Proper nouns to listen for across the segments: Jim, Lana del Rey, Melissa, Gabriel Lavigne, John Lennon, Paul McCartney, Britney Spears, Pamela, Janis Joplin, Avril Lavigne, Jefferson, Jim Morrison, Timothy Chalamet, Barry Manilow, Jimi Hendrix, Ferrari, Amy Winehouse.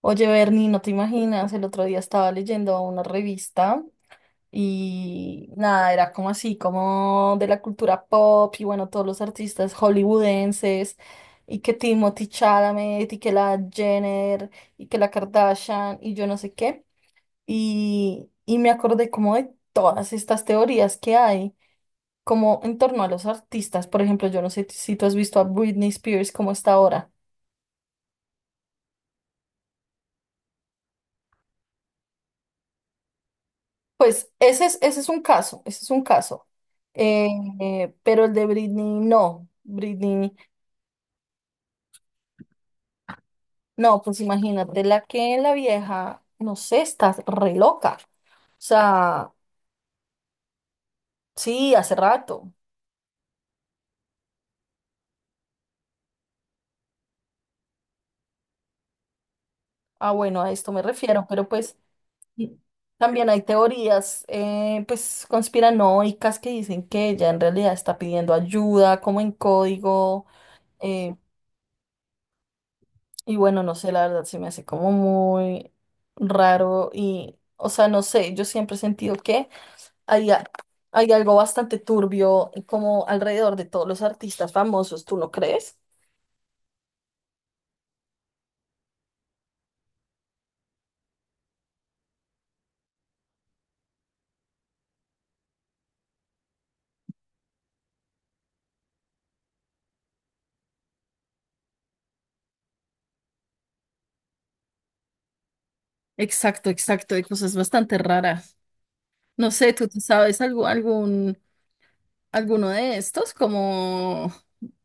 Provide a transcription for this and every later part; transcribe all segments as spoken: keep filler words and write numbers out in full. Oye, Bernie, no te imaginas, el otro día estaba leyendo una revista y nada, era como así, como de la cultura pop y bueno, todos los artistas hollywoodenses y que Timothy Chalamet y que la Jenner y que la Kardashian y yo no sé qué. Y, y me acordé como de todas estas teorías que hay, como en torno a los artistas. Por ejemplo, yo no sé si tú has visto a Britney Spears como está ahora. Pues ese es, ese es un caso, ese es un caso. Eh, eh, pero el de Britney no, Britney no, pues imagínate la que la vieja, no sé, está re loca. O sea, sí, hace rato. Ah, bueno, a esto me refiero, pero pues y también hay teorías, eh, pues conspiranoicas que dicen que ella en realidad está pidiendo ayuda, como en código. eh, Y bueno, no sé, la verdad se me hace como muy raro y, o sea, no sé, yo siempre he sentido que hay, a- hay algo bastante turbio como alrededor de todos los artistas famosos, ¿tú no crees? Exacto, exacto, hay cosas bastante raras. No sé, ¿tú te sabes algo, algún, alguno de estos? Como,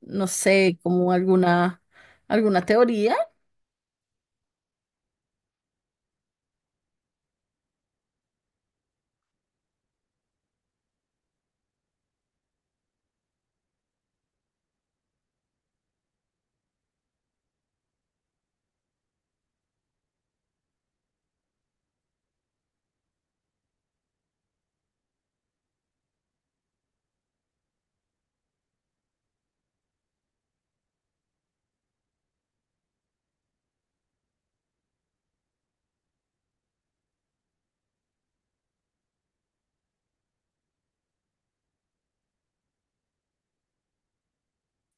no sé, como alguna, alguna teoría.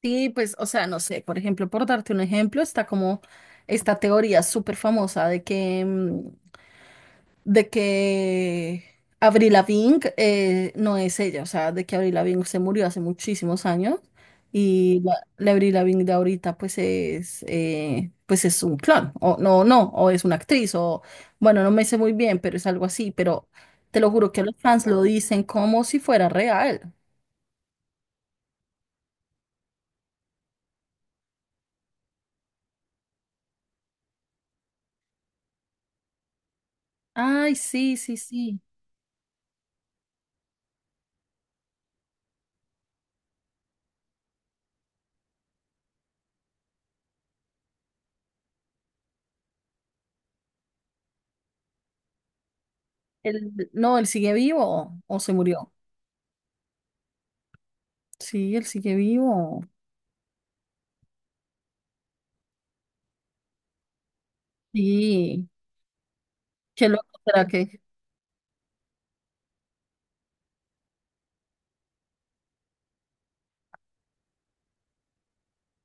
Sí, pues, o sea, no sé, por ejemplo, por darte un ejemplo, está como esta teoría súper famosa de que, mm, de que Avril Lavigne eh, no es ella, o sea, de que Avril Lavigne se murió hace muchísimos años y la, la Avril Lavigne de ahorita pues es, eh, pues es un clon, o no, no, o es una actriz, o bueno, no me sé muy bien, pero es algo así, pero te lo juro que los fans lo dicen como si fuera real. Ay, sí, sí, sí. Él, no, él sigue vivo o se murió. Sí, él sigue vivo. Sí, qué loco será que.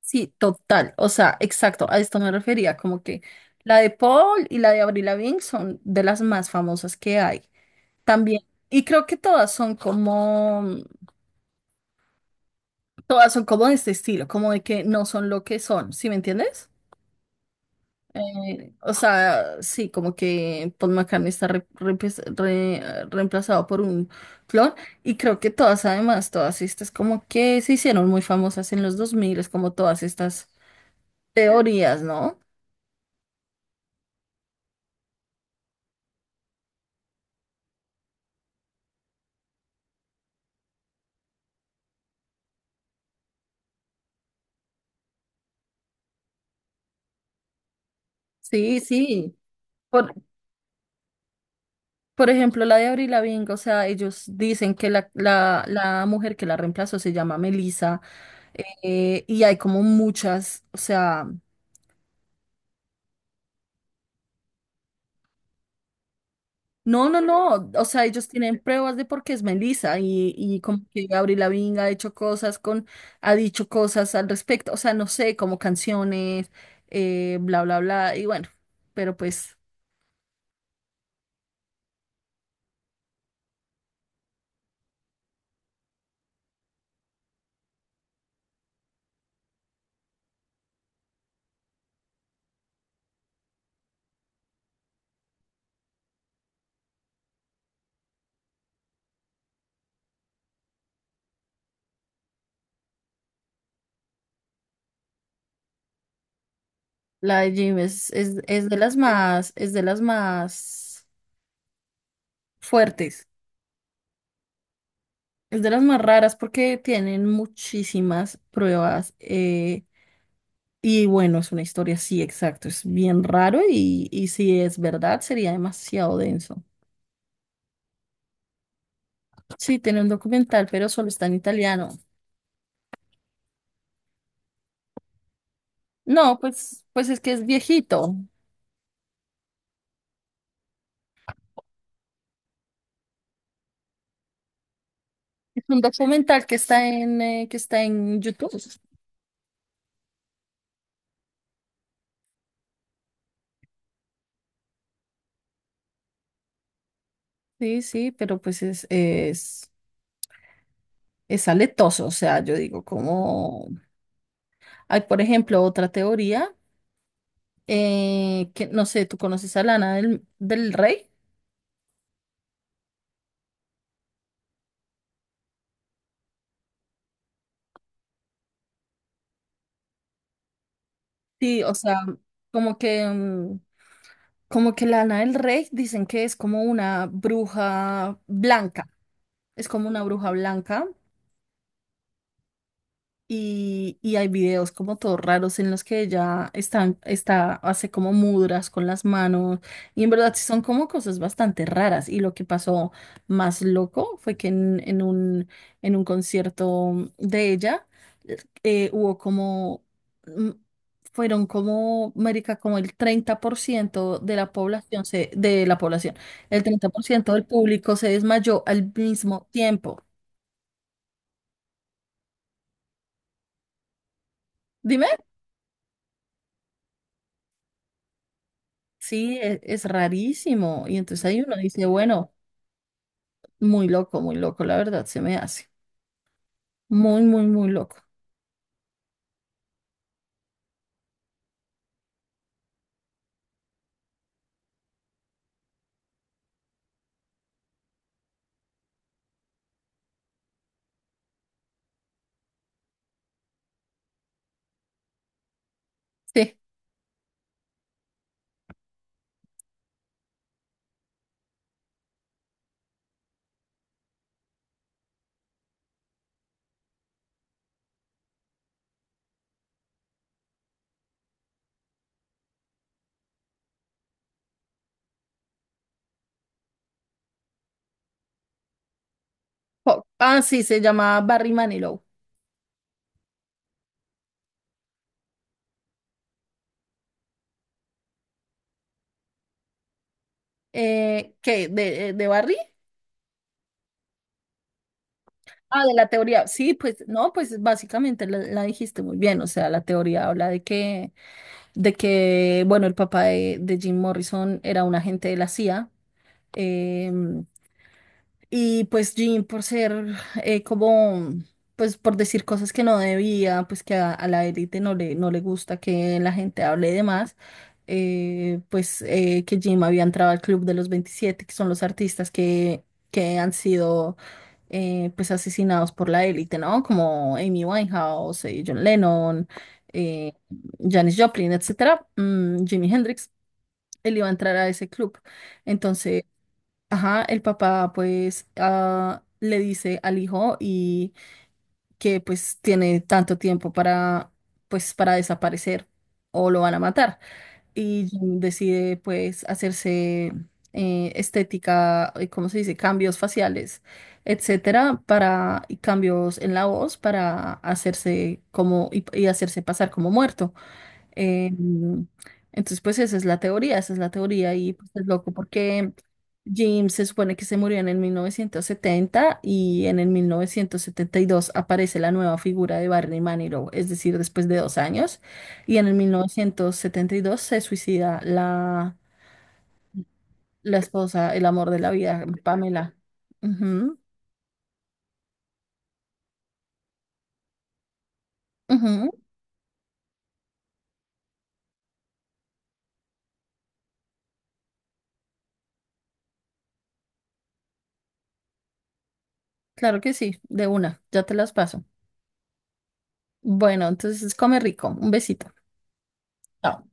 Sí, total. O sea, exacto. A esto me refería. Como que la de Paul y la de Avril Lavigne son de las más famosas que hay. También. Y creo que todas son como, todas son como de este estilo, como de que no son lo que son. ¿Sí me entiendes? Eh, o sea, sí, como que Paul McCartney está re- reemplaz- re- eh, reemplazado por un clon y creo que todas, además, todas estas como que se hicieron muy famosas en los dos mil es como todas estas teorías, ¿no? Sí, sí. Por, por ejemplo, la de Avril Lavigne, o sea, ellos dicen que la, la, la mujer que la reemplazó se llama Melissa. Eh, y hay como muchas, o sea... No, no, no. O sea, ellos tienen pruebas de por qué es Melissa y, y como que Gabriel Lavigne ha hecho cosas con, ha dicho cosas al respecto. O sea, no sé, como canciones, eh, bla, bla, bla. Y bueno, pero pues la de Jim es, es, es de las más, es de las más fuertes. Es de las más raras porque tienen muchísimas pruebas. Eh, y bueno, es una historia, sí, exacto. Es bien raro y, y si es verdad, sería demasiado denso. Sí, tiene un documental, pero solo está en italiano. No, pues, pues es que es viejito. Es un documental que está en, eh, que está en YouTube. Sí, sí, pero pues es, es, es aletoso. O sea, yo digo, como hay, por ejemplo, otra teoría. Eh, que no sé, ¿tú conoces a Lana del, del Rey? Sí, o sea, como que, mm, como que Lana del Rey dicen que es como una bruja blanca. Es como una bruja blanca. Y, y hay videos como todos raros en los que ella están, está, hace como mudras con las manos. Y en verdad sí son como cosas bastante raras. Y lo que pasó más loco fue que en, en un, en un concierto de ella eh, hubo como, mm, fueron como, marica, como el treinta por ciento de la población, se, de la población, el treinta por ciento del público se desmayó al mismo tiempo. Dime. Sí, e- es rarísimo. Y entonces ahí uno dice, bueno, muy loco, muy loco, la verdad, se me hace. Muy, muy, muy loco. Sí. Po- Ah, sí, se llama Barry Manilow. Eh, ¿qué? ¿De, de Barry? Ah, de la teoría. Sí, pues, no, pues básicamente la, la dijiste muy bien. O sea, la teoría habla de que, de que, bueno, el papá de, de Jim Morrison era un agente de la C I A. Y pues Jean, por ser eh, como, pues por decir cosas que no debía, pues que a, a la élite no le, no le gusta que la gente hable de más, eh, pues eh, que Jim había entrado al Club de los veintisiete, que son los artistas que, que han sido eh, pues asesinados por la élite, ¿no? Como Amy Winehouse, eh, John Lennon, eh, Janis Joplin, etcétera, mm, Jimi Hendrix, él iba a entrar a ese club. Entonces, ajá, el papá pues ah, le dice al hijo y que pues tiene tanto tiempo para pues para desaparecer o lo van a matar. Y Jim decide pues hacerse eh, estética, eh, ¿cómo se dice? Cambios faciales, etcétera, para y cambios en la voz para hacerse como y y hacerse pasar como muerto. Eh, entonces, pues esa es la teoría, esa es la teoría y pues es loco porque Jim se supone que se murió en el mil novecientos setenta y en el mil novecientos setenta y dos aparece la nueva figura de Barney Manilow, es decir, después de dos años, y en el mil novecientos setenta y dos se suicida la, la esposa, el amor de la vida, Pamela. Ujú, ujú, claro que sí, de una, ya te las paso. Bueno, entonces come rico, un besito. Chao.